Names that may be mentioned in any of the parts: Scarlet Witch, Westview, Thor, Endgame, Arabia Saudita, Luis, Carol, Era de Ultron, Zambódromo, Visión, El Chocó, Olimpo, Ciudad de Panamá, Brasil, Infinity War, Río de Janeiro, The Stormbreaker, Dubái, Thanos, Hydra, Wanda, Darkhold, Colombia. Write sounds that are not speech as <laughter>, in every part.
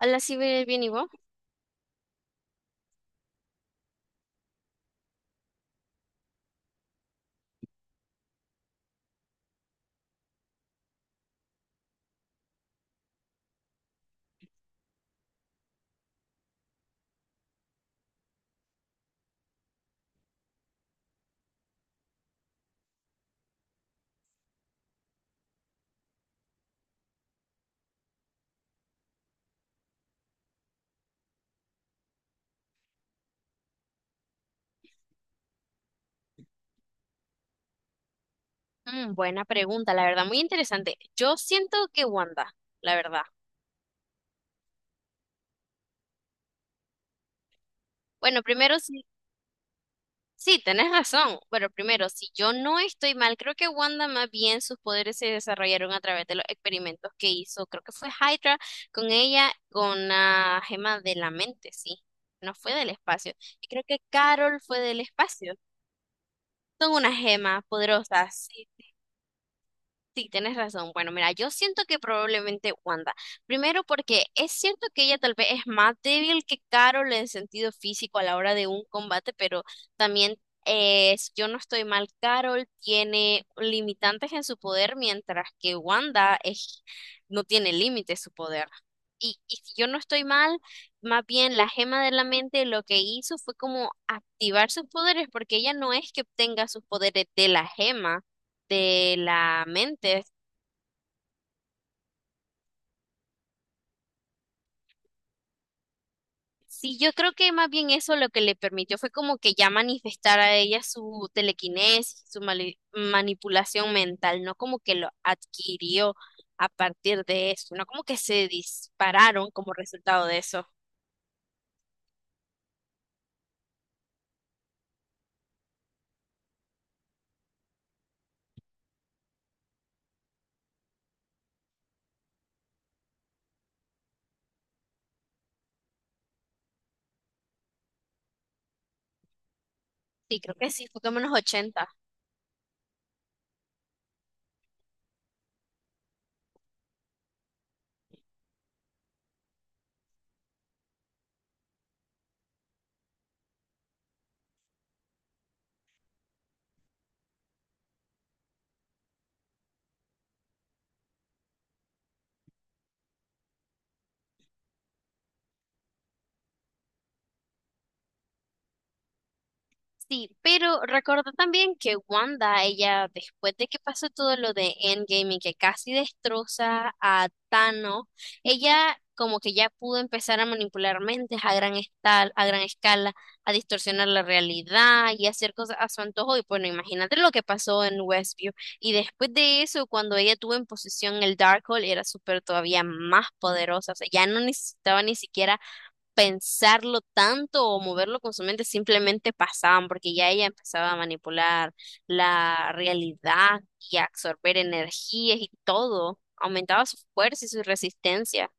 Hola, sí, bien, bien, ¿y vos? Buena pregunta, la verdad, muy interesante. Yo siento que Wanda, la verdad. Bueno, primero sí, sí, tenés razón. Bueno, primero, si yo no estoy mal, creo que Wanda más bien sus poderes se desarrollaron a través de los experimentos que hizo, creo que fue Hydra con ella, con la gema de la mente, sí. No fue del espacio. Y creo que Carol fue del espacio. Son unas gemas poderosas. Sí. Sí, tienes razón. Bueno, mira, yo siento que probablemente Wanda. Primero porque es cierto que ella tal vez es más débil que Carol en sentido físico a la hora de un combate, pero también si yo no estoy mal, Carol tiene limitantes en su poder, mientras que Wanda es, no tiene límite su poder. Y si yo no estoy mal, más bien la gema de la mente lo que hizo fue como activar sus poderes, porque ella no es que obtenga sus poderes de la gema de la mente. Sí, yo creo que más bien eso lo que le permitió fue como que ya manifestar a ella su telequinesis, su manipulación mental, no como que lo adquirió a partir de eso, no como que se dispararon como resultado de eso. Sí, creo que sí, fue como en ochenta. Sí, pero recordá también que Wanda, ella, después de que pasó todo lo de Endgame y que casi destroza a Thanos, ella como que ya pudo empezar a manipular mentes a gran escala, a distorsionar la realidad y hacer cosas a su antojo. Y bueno, imagínate lo que pasó en Westview. Y después de eso, cuando ella tuvo en posesión el Darkhold, era súper todavía más poderosa. O sea, ya no necesitaba ni siquiera pensarlo tanto o moverlo con su mente, simplemente pasaban, porque ya ella empezaba a manipular la realidad y a absorber energías y todo, aumentaba su fuerza y su resistencia.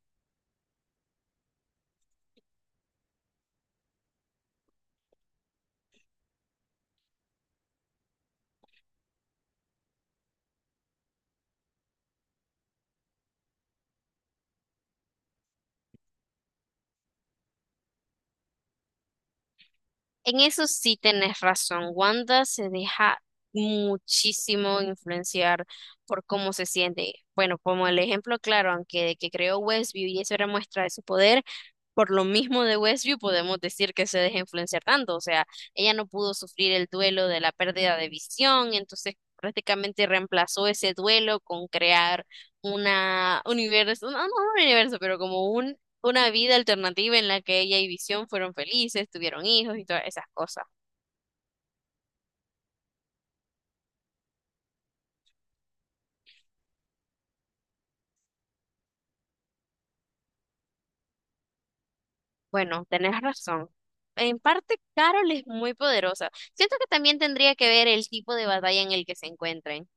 En eso sí tenés razón. Wanda se deja muchísimo influenciar por cómo se siente. Bueno, como el ejemplo claro, aunque de que creó Westview y eso era muestra de su poder, por lo mismo de Westview podemos decir que se deja influenciar tanto. O sea, ella no pudo sufrir el duelo de la pérdida de visión, entonces prácticamente reemplazó ese duelo con crear una universo, no, no un universo, pero como una vida alternativa en la que ella y Visión fueron felices, tuvieron hijos y todas esas cosas. Bueno, tenés razón. En parte, Carol es muy poderosa. Siento que también tendría que ver el tipo de batalla en el que se encuentren.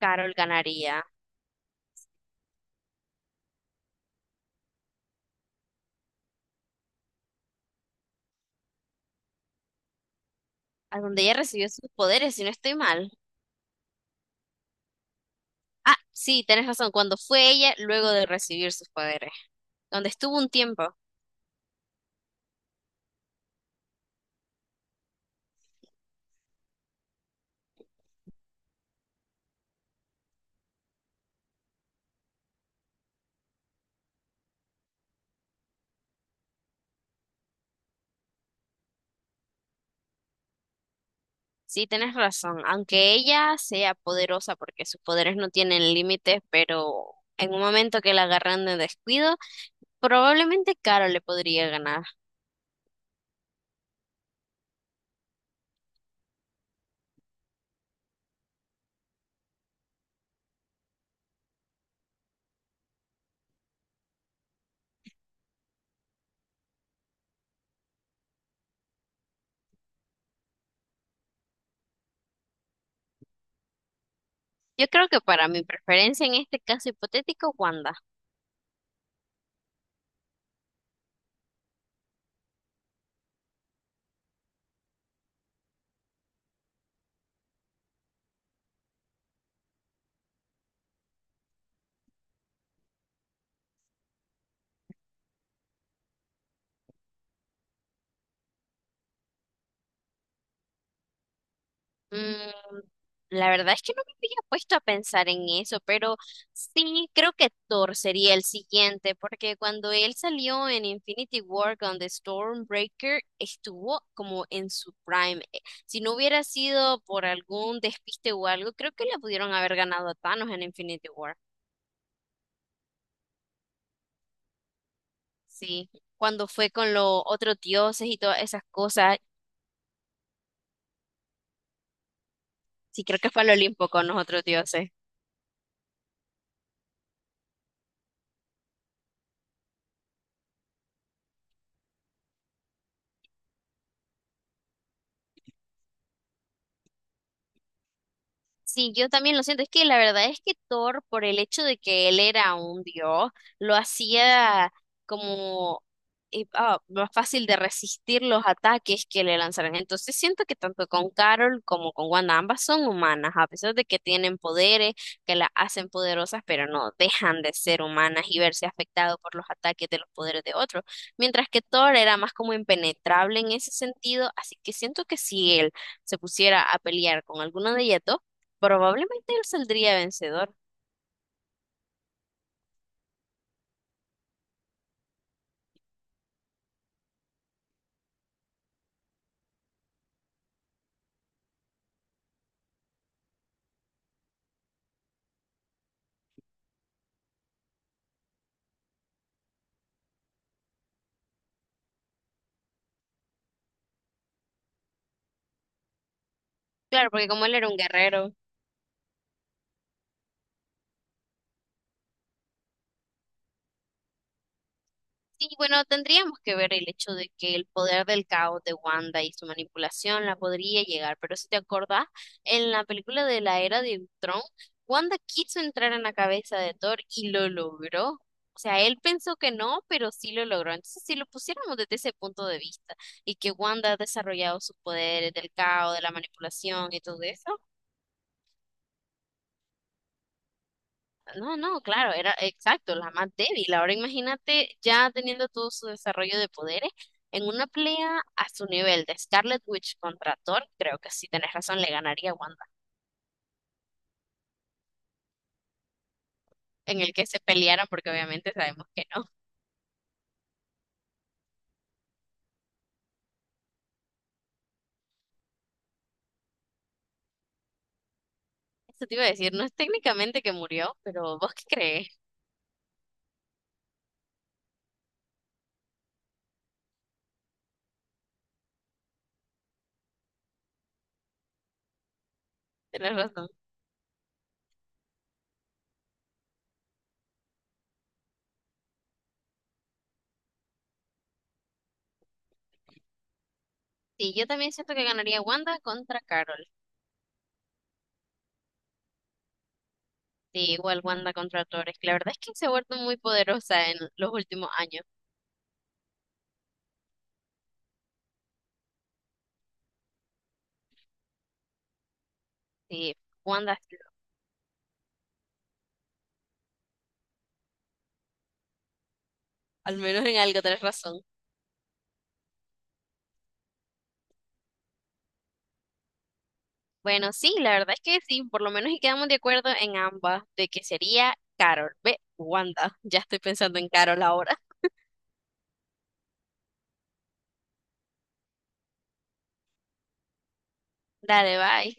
Carol ganaría, a donde ella recibió sus poderes, si no estoy mal. Ah, sí, tenés razón, cuando fue ella luego de recibir sus poderes, donde estuvo un tiempo. Sí, tenés razón, aunque ella sea poderosa porque sus poderes no tienen límites, pero en un momento que la agarran de descuido, probablemente Caro le podría ganar. Yo creo que para mi preferencia en este caso hipotético, Wanda. Mm, la verdad es que no me había puesto a pensar en eso, pero sí creo que Thor sería el siguiente, porque cuando él salió en Infinity War con The Stormbreaker, estuvo como en su prime. Si no hubiera sido por algún despiste o algo, creo que le pudieron haber ganado a Thanos en Infinity War. Sí, cuando fue con los otros dioses y todas esas cosas. Sí, creo que fue el Olimpo con los otros dioses. Sí, yo también lo siento. Es que la verdad es que Thor, por el hecho de que él era un dios, lo hacía como más fácil de resistir los ataques que le lanzaran. Entonces siento que tanto con Carol como con Wanda, ambas son humanas, a pesar de que tienen poderes que las hacen poderosas, pero no dejan de ser humanas y verse afectado por los ataques de los poderes de otros. Mientras que Thor era más como impenetrable en ese sentido, así que siento que si él se pusiera a pelear con alguno de ellas dos, probablemente él saldría vencedor. Claro, porque como él era un guerrero. Sí, bueno, tendríamos que ver el hecho de que el poder del caos de Wanda y su manipulación la podría llegar, pero si te acordás, en la película de la Era de Ultron, Wanda quiso entrar en la cabeza de Thor y lo logró. O sea, él pensó que no, pero sí lo logró. Entonces, si lo pusiéramos desde ese punto de vista y que Wanda ha desarrollado sus poderes del caos, de la manipulación y todo eso. No, no, claro, era exacto, la más débil. Ahora imagínate ya teniendo todo su desarrollo de poderes en una pelea a su nivel de Scarlet Witch contra Thor, creo que sí tenés razón, le ganaría a Wanda, en el que se pelearan porque obviamente sabemos que no. <laughs> Eso te iba a decir, no es técnicamente que murió, pero vos qué crees, tenés razón. Sí, yo también siento que ganaría Wanda contra Carol. Sí, igual Wanda contra Thor. Es que la verdad es que se ha vuelto muy poderosa en los últimos años. Sí, Wanda, al menos en algo tenés razón. Bueno, sí, la verdad es que sí, por lo menos y quedamos de acuerdo en ambas, de que sería Carol. Ve, Wanda, <laughs> ya estoy pensando en Carol ahora. Dale, bye.